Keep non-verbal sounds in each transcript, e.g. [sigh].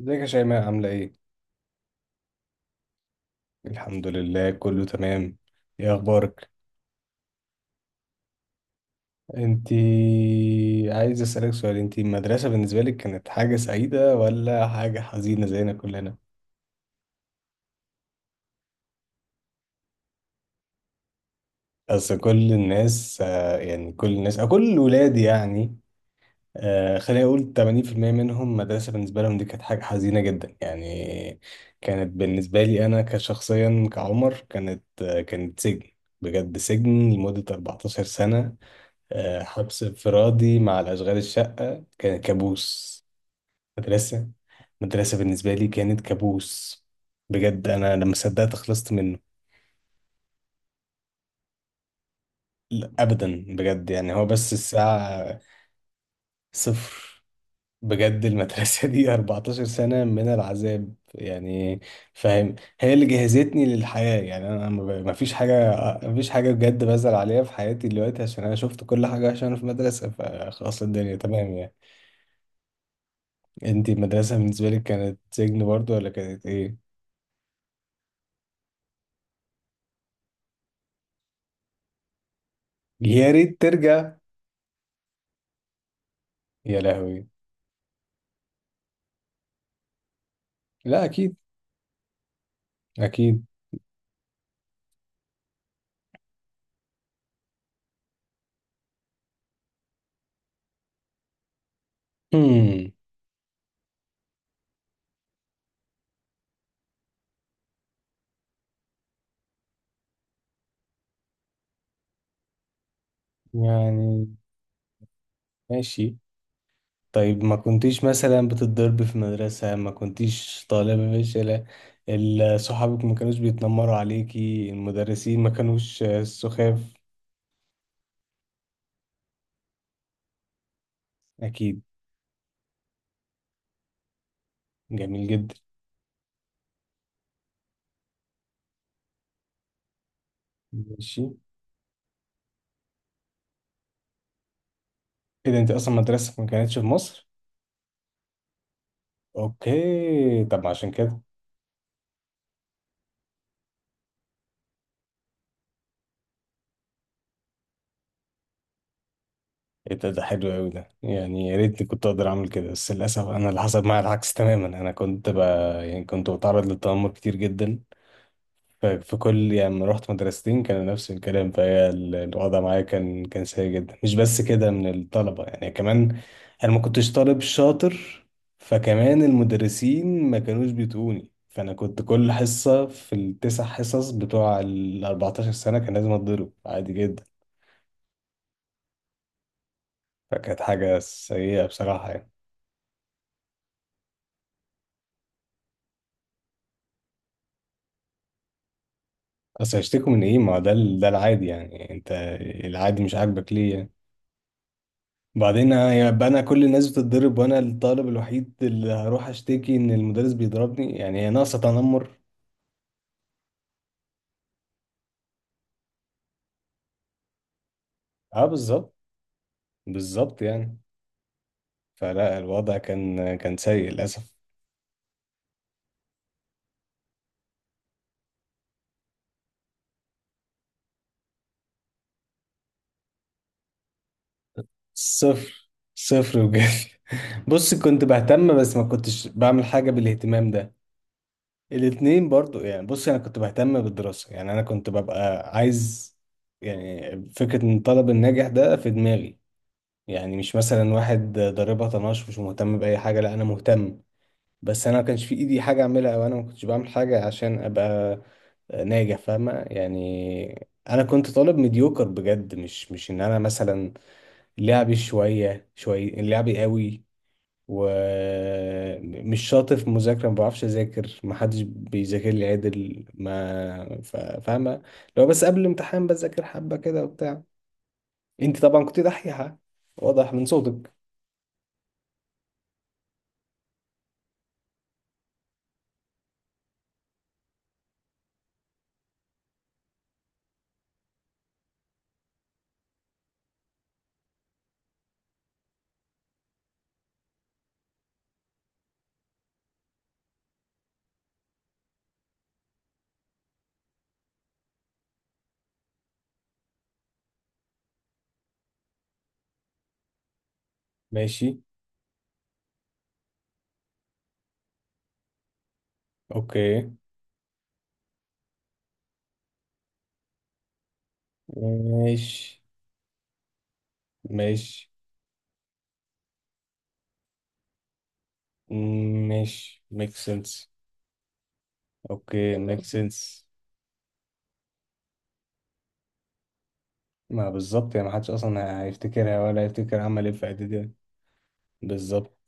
ازيك يا شيماء عاملة ايه؟ الحمد لله كله تمام. ايه اخبارك؟ انتي عايز اسألك سؤال، انتي المدرسة بالنسبة لك كانت حاجة سعيدة ولا حاجة حزينة زينا كلنا؟ اصل كل الناس يعني كل الناس او كل ولادي يعني. خليني اقول 80% منهم مدرسة بالنسبة لهم دي كانت حاجة حزينة جدا يعني. كانت بالنسبة لي انا كشخصيا كعمر كانت، كانت سجن، بجد سجن لمدة 14 سنة. حبس انفرادي مع الأشغال الشقة، كان كابوس. مدرسة مدرسة بالنسبة لي كانت كابوس بجد. أنا لما صدقت خلصت منه. لا، أبدا بجد، يعني هو بس الساعة صفر بجد. المدرسة دي [laughs] 14 سنة من العذاب يعني، فاهم؟ هي اللي جهزتني للحياة يعني. أنا ما فيش حاجة، ما فيش حاجة بجد بزعل عليها في حياتي دلوقتي، عشان أنا شفت كل حاجة، عشان أنا في مدرسة فخلاص الدنيا تمام يعني. انت المدرسة بالنسبة لك كانت سجن برضو ولا كانت ايه؟ يا ريت ترجع. يا لهوي. لا اكيد. اكيد. هم. يعني ماشي. طيب ما كنتيش مثلا بتتضرب في المدرسة؟ ما كنتيش طالبة فاشلة؟ صحابك ما كانوش بيتنمروا عليكي؟ المدرسين ما كانوش سخاف؟ اكيد. جميل جدا. ماشي. ايه ده، انت اصلا مدرستك ما كانتش في مصر؟ اوكي، طب ما عشان كده. ايه ده، ده حلو قوي ده يعني، يا ريتني كنت اقدر اعمل كده، بس للاسف انا اللي حصل معايا العكس تماما، انا كنت ب... يعني كنت بتعرض للتنمر كتير جدا، ففي كل يعني لما رحت مدرستين كان نفس الكلام، فهي الوضع معايا كان سيء جدا، مش بس كده من الطلبه يعني كمان. انا ما كنتش طالب شاطر، فكمان المدرسين ما كانوش بيتقوني، فانا كنت كل حصه في التسع حصص بتوع ال 14 سنه كان لازم اتضرب عادي جدا. فكانت حاجه سيئه بصراحه يعني. اصل هيشتكوا من ايه؟ ما ده ده العادي يعني، انت العادي مش عاجبك ليه يعني؟ وبعدين يبقى انا كل الناس بتتضرب وانا الطالب الوحيد اللي هروح اشتكي ان المدرس بيضربني، يعني هي ناقصه تنمر. اه بالظبط، بالظبط يعني. فلا الوضع كان سيء للاسف. صفر، صفر بجد. [laughs] بص كنت بهتم، بس ما كنتش بعمل حاجه بالاهتمام ده. الاتنين برضو يعني. بص انا كنت بهتم بالدراسة، يعني انا كنت ببقى عايز يعني فكرة ان الطالب الناجح ده في دماغي، يعني مش مثلا واحد ضاربها طناش مش مهتم بأي حاجة، لا انا مهتم، بس انا ما كانش في ايدي حاجة اعملها، وانا ما كنتش بعمل حاجة عشان ابقى ناجح، فاهمة يعني. انا كنت طالب مديوكر بجد، مش ان انا مثلا لعبي شوية شوية، لعبي قوي ومش شاطر في المذاكرة، ما بعرفش أذاكر، ما حدش بيذاكر لي عدل، ما ف- فاهمة. لو بس قبل الامتحان بذاكر حبة كده وبتاع. أنت طبعا كنت دحيحة، واضح من صوتك. ماشي. أوكي ماشي. ماشي. ماشي ميك سنس. أوكي ميك سنس. ما بالظبط يعني، ما حدش أصلا هيفتكرها ولا هيفتكر عمل إيه في إعدادي. بالظبط.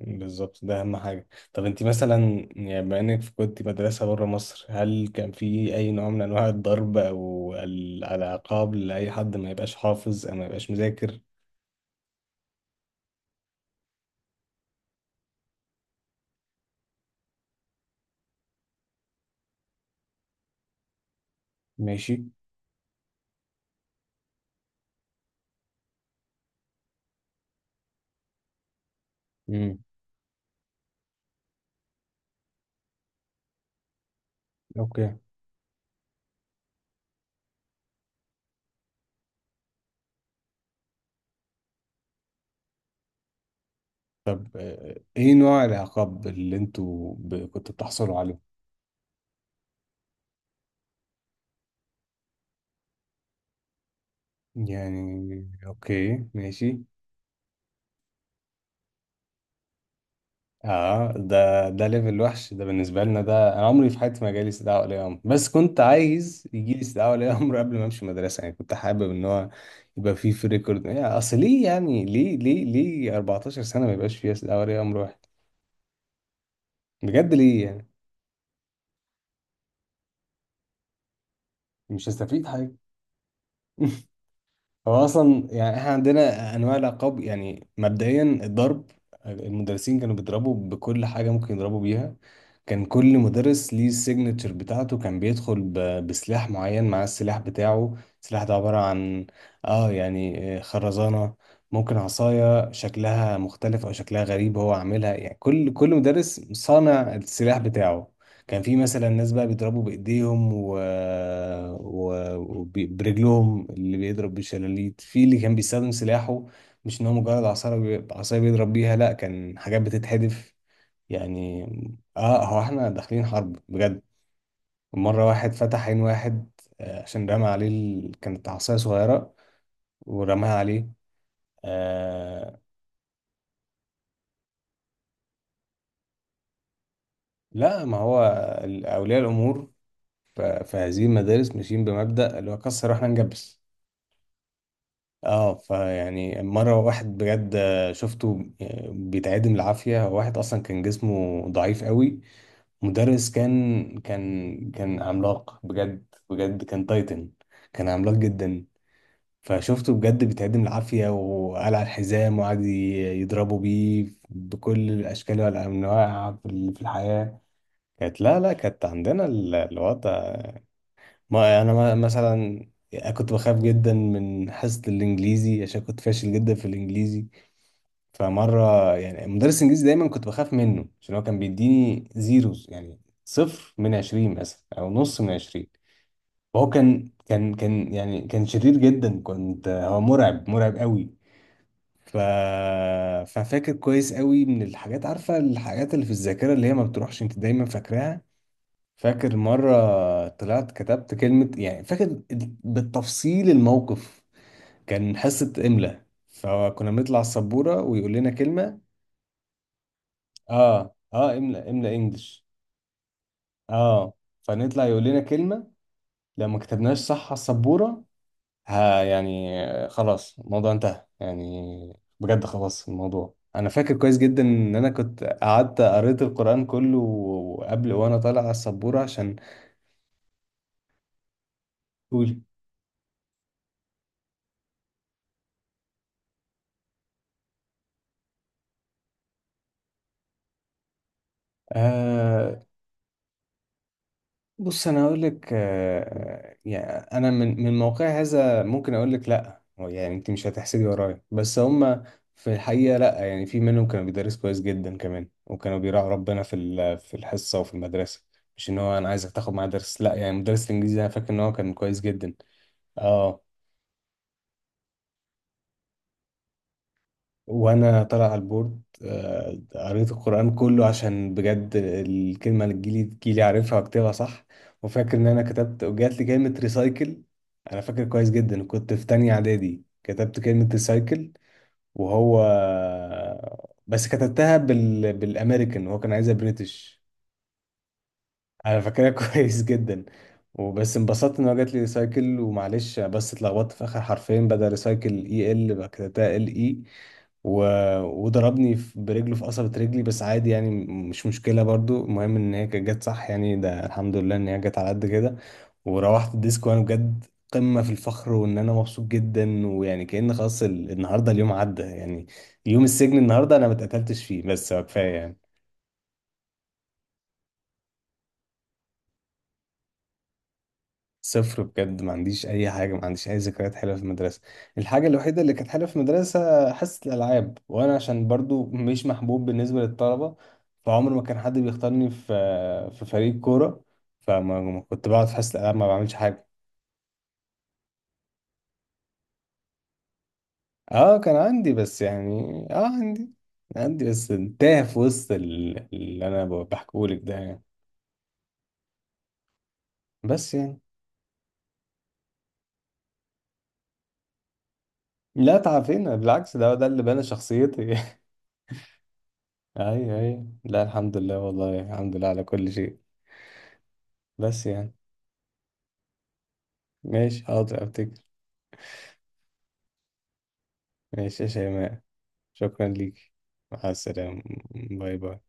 بالظبط ده اهم حاجه. طب انت مثلا يعني بما انك كنت مدرسه بره مصر، هل كان في اي نوع من انواع الضرب او العقاب لاي حد ما يبقاش حافظ او ما يبقاش مذاكر؟ ماشي. امم. اوكي طب، ايه نوع العقاب اللي انتوا كنتوا بتحصلوا عليه؟ يعني اوكي ماشي. اه ده ده ليفل وحش ده بالنسبه لنا، ده انا عمري في حياتي ما جالي استدعاء ولي امر، بس كنت عايز يجي لي استدعاء ولي امر [laughs] قبل ما امشي مدرسه، يعني كنت حابب ان هو يبقى فيه في ريكورد يعني. اصل ليه يعني، ليه 14 سنه ما يبقاش فيها استدعاء ولي امر واحد؟ بجد ليه يعني؟ مش هستفيد حاجه. [laughs] هو اصلا يعني احنا عندنا انواع العقاب، يعني مبدئيا الضرب، المدرسين كانوا بيضربوا بكل حاجه ممكن يضربوا بيها. كان كل مدرس ليه السيجنتشر بتاعته، كان بيدخل بسلاح معين، مع السلاح بتاعه، السلاح ده عباره عن، اه يعني خرزانه، ممكن عصايه شكلها مختلف او شكلها غريب هو عاملها، يعني كل مدرس صانع السلاح بتاعه. كان في مثلا ناس بقى بيضربوا بايديهم وبرجلهم، اللي بيضرب بالشلاليت، في اللي كان بيستخدم سلاحه، مش ان هو مجرد عصاية بيضرب بيها، لا كان حاجات بتتحدف يعني. اه هو احنا داخلين حرب بجد. مرة واحد فتح عين واحد، عشان رمى عليه ال... كانت عصاية صغيرة ورماها عليه. آه... لا ما هو أولياء الأمور ف... في هذه المدارس ماشيين بمبدأ اللي هو كسر واحنا نجبس. اه فيعني مرة واحد بجد شفته بيتعدم العافية، هو واحد أصلا كان جسمه ضعيف قوي، مدرس كان عملاق بجد، بجد كان تايتن، كان عملاق جدا. فشفته بجد بيتعدم العافية، وقلع الحزام وقعد يضربه بيه بكل الأشكال والأنواع في في الحياة. كانت، لا كانت عندنا الوضع. ما أنا مثلا كنت بخاف جدا من حصة الإنجليزي، عشان كنت فاشل جدا في الإنجليزي. فمرة يعني مدرس الإنجليزي دايما كنت بخاف منه، عشان هو كان بيديني زيروز يعني، صفر من 20 مثلا أو نص من 20. فهو كان يعني كان شرير جدا، كنت هو مرعب، مرعب قوي. ف... ففاكر كويس قوي، من الحاجات، عارفة الحاجات اللي في الذاكرة اللي هي ما بتروحش، أنت دايما فاكراها. فاكر مرة طلعت كتبت كلمة، يعني فاكر بالتفصيل الموقف. كان حصة إملاء، فكنا بنطلع السبورة ويقول لنا كلمة. اه املا، املا انجلش. اه، فنطلع يقول لنا كلمة، لو ما كتبناش صح على السبورة، ها يعني خلاص الموضوع انتهى يعني، بجد خلاص الموضوع. انا فاكر كويس جدا ان انا كنت قعدت قريت القرآن كله قبل وانا طالع على السبورة، عشان اقول. بص انا اقول لك، يعني انا من موقع هذا ممكن اقول لك، لا هو يعني انت مش هتحسدي ورايا، بس هم في الحقيقه لا، يعني في منهم كانوا بيدرسوا كويس جدا كمان، وكانوا بيراعوا ربنا في في الحصه وفي المدرسه، مش ان هو انا عايزك تاخد معايا درس، لا يعني مدرس الانجليزي انا فاكر ان هو كان كويس جدا. اه، وانا طالع على البورد، قريت القرآن كله عشان بجد الكلمة اللي تجيلي، تجيلي عارفها واكتبها صح. وفاكر ان انا كتبت وجات لي كلمة ريسايكل. انا فاكر كويس جدا كنت في تانية اعدادي كتبت كلمة ريسايكل، وهو، بس كتبتها بال... بالامريكان، هو كان عايزها بريتش، انا فاكرها [laughs] كويس جدا. وبس انبسطت ان هو جات لي ريسايكل، ومعلش بس اتلخبطت في اخر حرفين، بدل ريسايكل اي ال بقى كتبتها ال اي. و... وضربني برجله في قصبة رجلي، بس عادي يعني، مش مشكلة برضو، المهم ان هي كانت جت صح يعني، ده الحمد لله ان هي جت على قد كده. وروحت الديسك وانا بجد قمة في الفخر، وان انا مبسوط جدا، ويعني كأن خلاص ال... النهارده اليوم عدى يعني، يوم السجن، النهارده انا ما اتقتلتش فيه، بس هو كفاية يعني. صفر بجد، ما عنديش اي حاجه، ما عنديش اي ذكريات حلوه في المدرسه. الحاجه الوحيده اللي كانت حلوه في المدرسه حصه الالعاب، وانا عشان برضو مش محبوب بالنسبه للطلبه، فعمر ما كان حد بيختارني في في فريق كوره، فما ما كنت بقعد في حصه الالعاب ما بعملش حاجه. اه كان عندي، بس يعني اه عندي، عندي بس انتهى في وسط اللي انا بحكيهولك ده يعني. بس يعني، لا تعافينا بالعكس، ده ده اللي بنى شخصيتي. [laughs] ايوه ايوه، لا الحمد لله، والله الحمد لله على كل شيء، بس يعني. ماشي حاضر افتكر. ماشي يا شيماء، شكرا ليك، مع السلامة، باي باي.